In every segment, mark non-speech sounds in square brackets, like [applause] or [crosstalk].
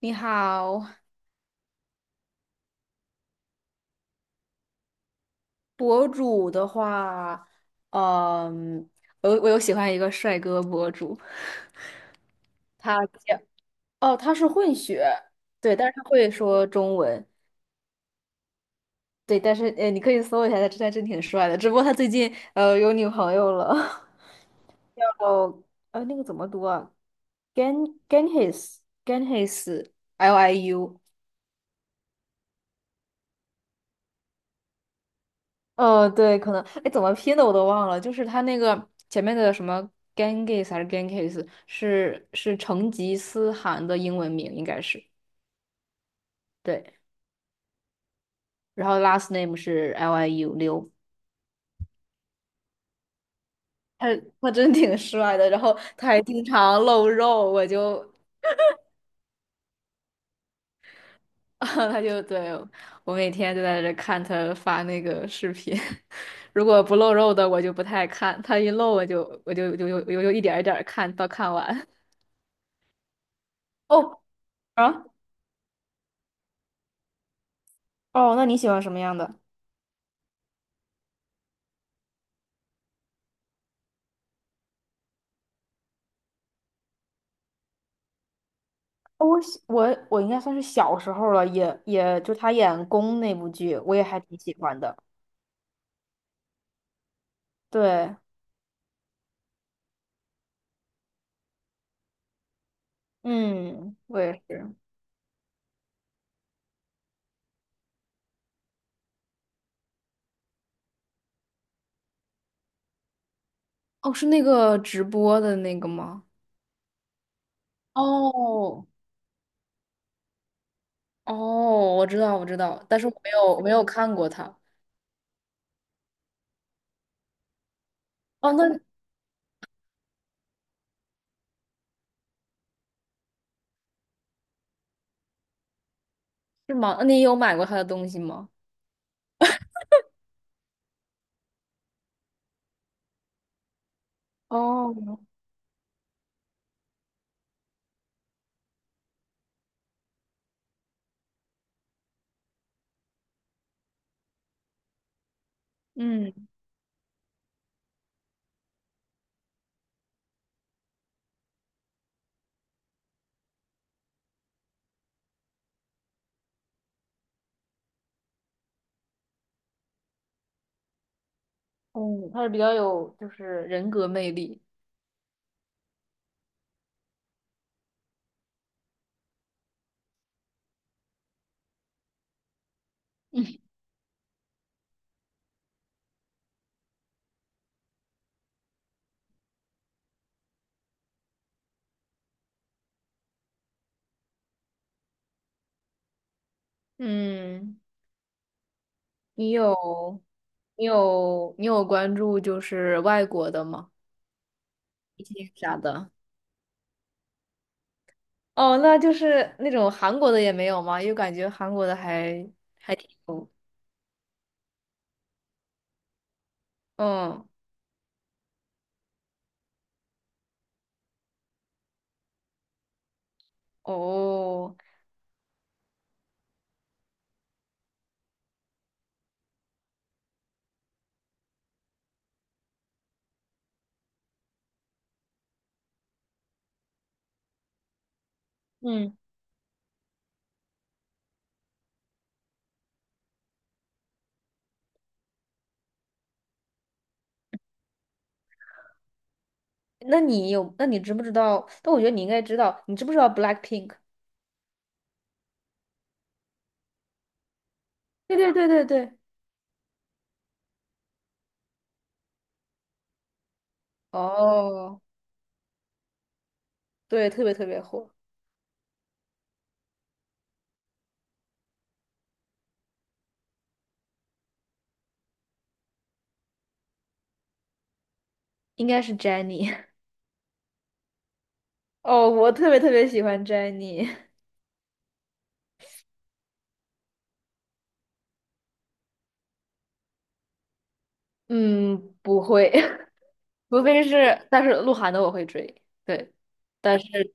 你好，博主的话，嗯，我有喜欢一个帅哥博主，他叫哦，他是混血，对，但是他会说中文，对，但是你可以搜一下，他真挺帅的，只不过他最近有女朋友了，[laughs] 叫那个怎么读啊？Ganhis Ganhis L I U。呃，对，可能，哎，怎么拼的我都忘了，就是他那个前面的什么 Genghis 还是 Genghis，是成吉思汗的英文名，应该是对，然后 last name 是 Liu 刘，他他真挺帅的，然后他还经常露肉，我就 [laughs] 他就对我每天就在这看他发那个视频，[laughs] 如果不露肉的我就不太看，他一露我就一点儿一点儿看到看完。哦 [laughs] 啊，哦，那你喜欢什么样的？我喜我我应该算是小时候了，也也就他演宫那部剧，我也还挺喜欢的。对，嗯，我也是。哦，是那个直播的那个吗？哦，哦，我知道，我知道，但是我没有看过他。哦，那是吗？那你有买过他的东西吗？哦，嗯嗯，他是比较有就是人格魅力。嗯，你有你有关注就是外国的吗？一些啥的？哦，那就是那种韩国的也没有吗？因为感觉韩国的还哦，嗯，哦，嗯，那你有，那你知不知道？但我觉得你应该知道，你知不知道 BLACKPINK？对对对对对，哦，对，特别特别火，应该是 Jennie。[laughs] 哦，我特别特别喜欢 Jennie。嗯，不会，[laughs] 除非是，但是鹿晗的我会追，对，但是。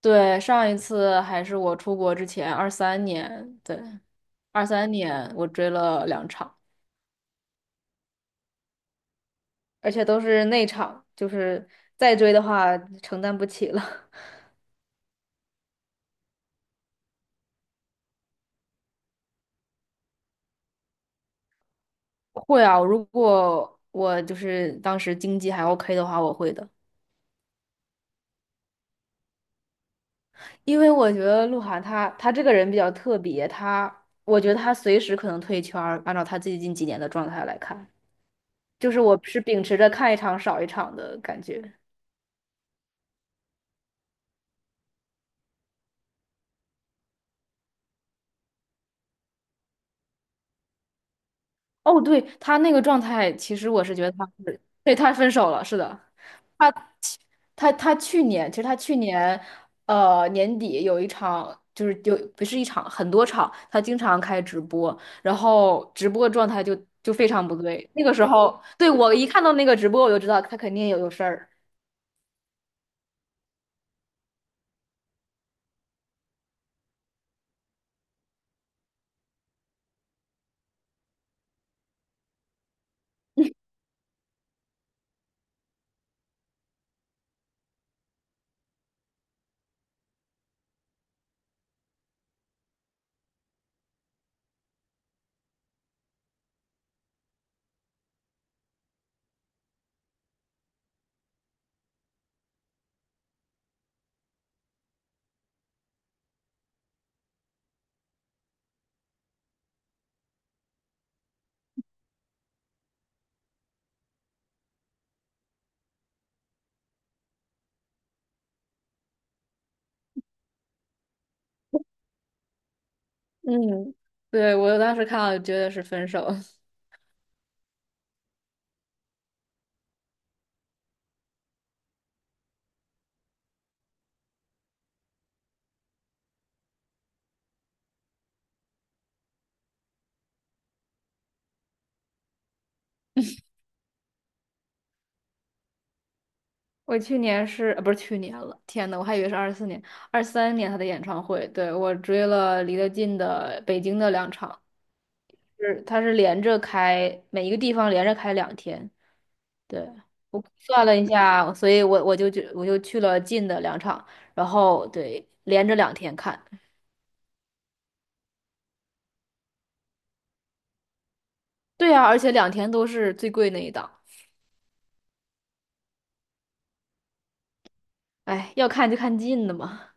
对，上一次还是我出国之前，二三年，对，二三年我追了两场，而且都是内场，就是再追的话承担不起了。[laughs] 会啊，如果我就是当时经济还 OK 的话，我会的。因为我觉得鹿晗他这个人比较特别，他我觉得他随时可能退圈儿按照他最近几年的状态来看，就是我是秉持着看一场少一场的感觉。哦，对，他那个状态，其实我是觉得他是，对，他分手了，是的，他他去年，其实他去年，年底有一场，就不是一场，很多场，他经常开直播，然后直播状态就非常不对。那个时候，对，我一看到那个直播，我就知道他肯定有事儿。嗯，对，我当时看到觉得是分手。我去年是，呃不是去年了，天呐，我还以为是24年、二三年他的演唱会。对，我追了离得近的北京的两场，是他是连着开，每一个地方连着开两天。对，我算了一下，所以我就去了近的两场，然后对，连着两天看。对啊，而且两天都是最贵那一档。哎，要看就看近的嘛。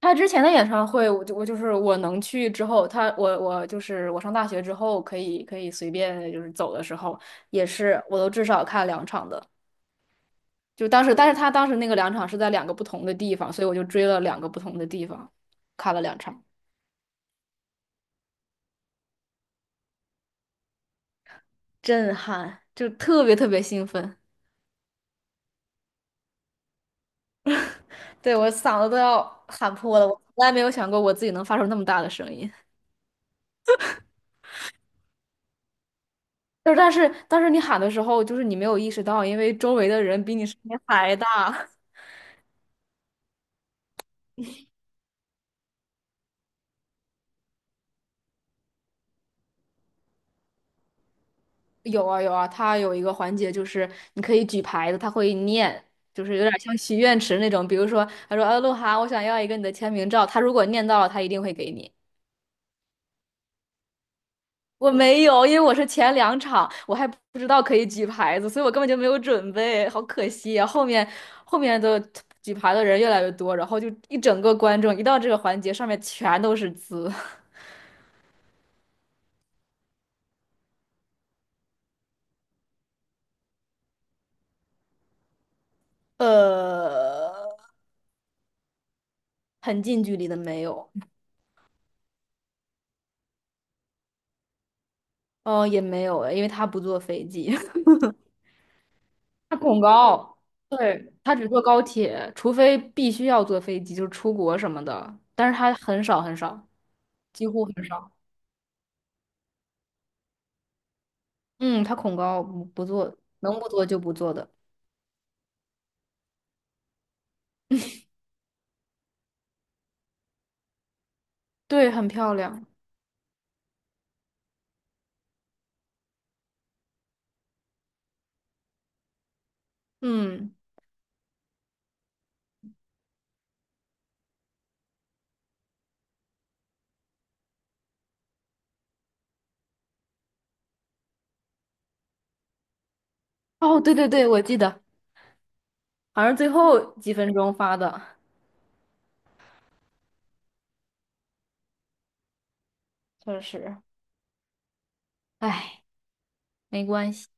他之前的演唱会，我就我就是我能去之后，他我我就是我上大学之后可以随便就是走的时候，也是我都至少看两场的。就当时，但是他当时那个两场是在两个不同的地方，所以我就追了两个不同的地方，看了两场，震撼，就特别特别兴奋，对，我嗓子都要喊破了，我从来没有想过我自己能发出那么大的声音。就是但是你喊的时候，就是你没有意识到，因为周围的人比你声音还大。有啊有啊，他有一个环节就是你可以举牌子，他会念，就是有点像许愿池那种。比如说，他说：“呃，鹿晗，我想要一个你的签名照。”他如果念到了，他一定会给你。我没有，因为我是前两场，我还不知道可以举牌子，所以我根本就没有准备，好可惜啊！后面的举牌的人越来越多，然后就一整个观众一到这个环节，上面全都是字，[laughs] 呃，很近距离的没有，哦，也没有，因为他不坐飞机。他恐高，对，他只坐高铁，除非必须要坐飞机，就是出国什么的，但是他很少很少，几乎很少。嗯，他恐高，不坐，能不坐就不坐的。对，很漂亮。嗯，哦，对对对，我记得，好像是最后几分钟发的，确实，唉，没关系。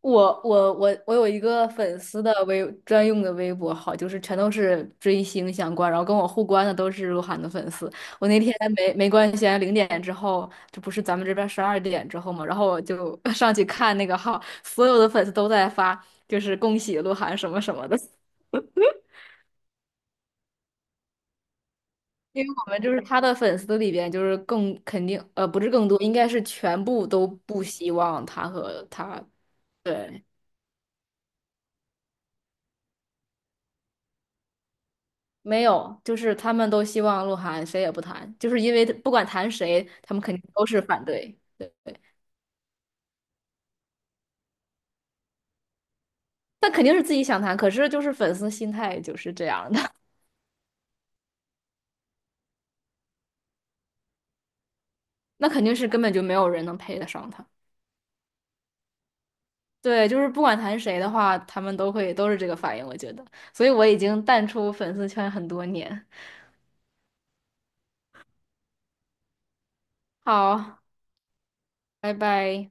我有一个粉丝的微专用的微博号，就是全都是追星相关，然后跟我互关的都是鹿晗的粉丝。我那天没关系啊，零点之后，这不是咱们这边12点之后嘛，然后我就 [laughs] 上去看那个号，所有的粉丝都在发，就是恭喜鹿晗什么什么的。[laughs] 因为我们就是他的粉丝里边，就是更肯定，不是更多，应该是全部都不希望他和他，对。没有，就是他们都希望鹿晗谁也不谈，就是因为不管谈谁，他们肯定都是反对。对，那肯定是自己想谈，可是就是粉丝心态就是这样的，[laughs] 那肯定是根本就没有人能配得上他。对，就是不管谈谁的话，他们都会都是这个反应，我觉得，所以我已经淡出粉丝圈很多年。好，拜拜。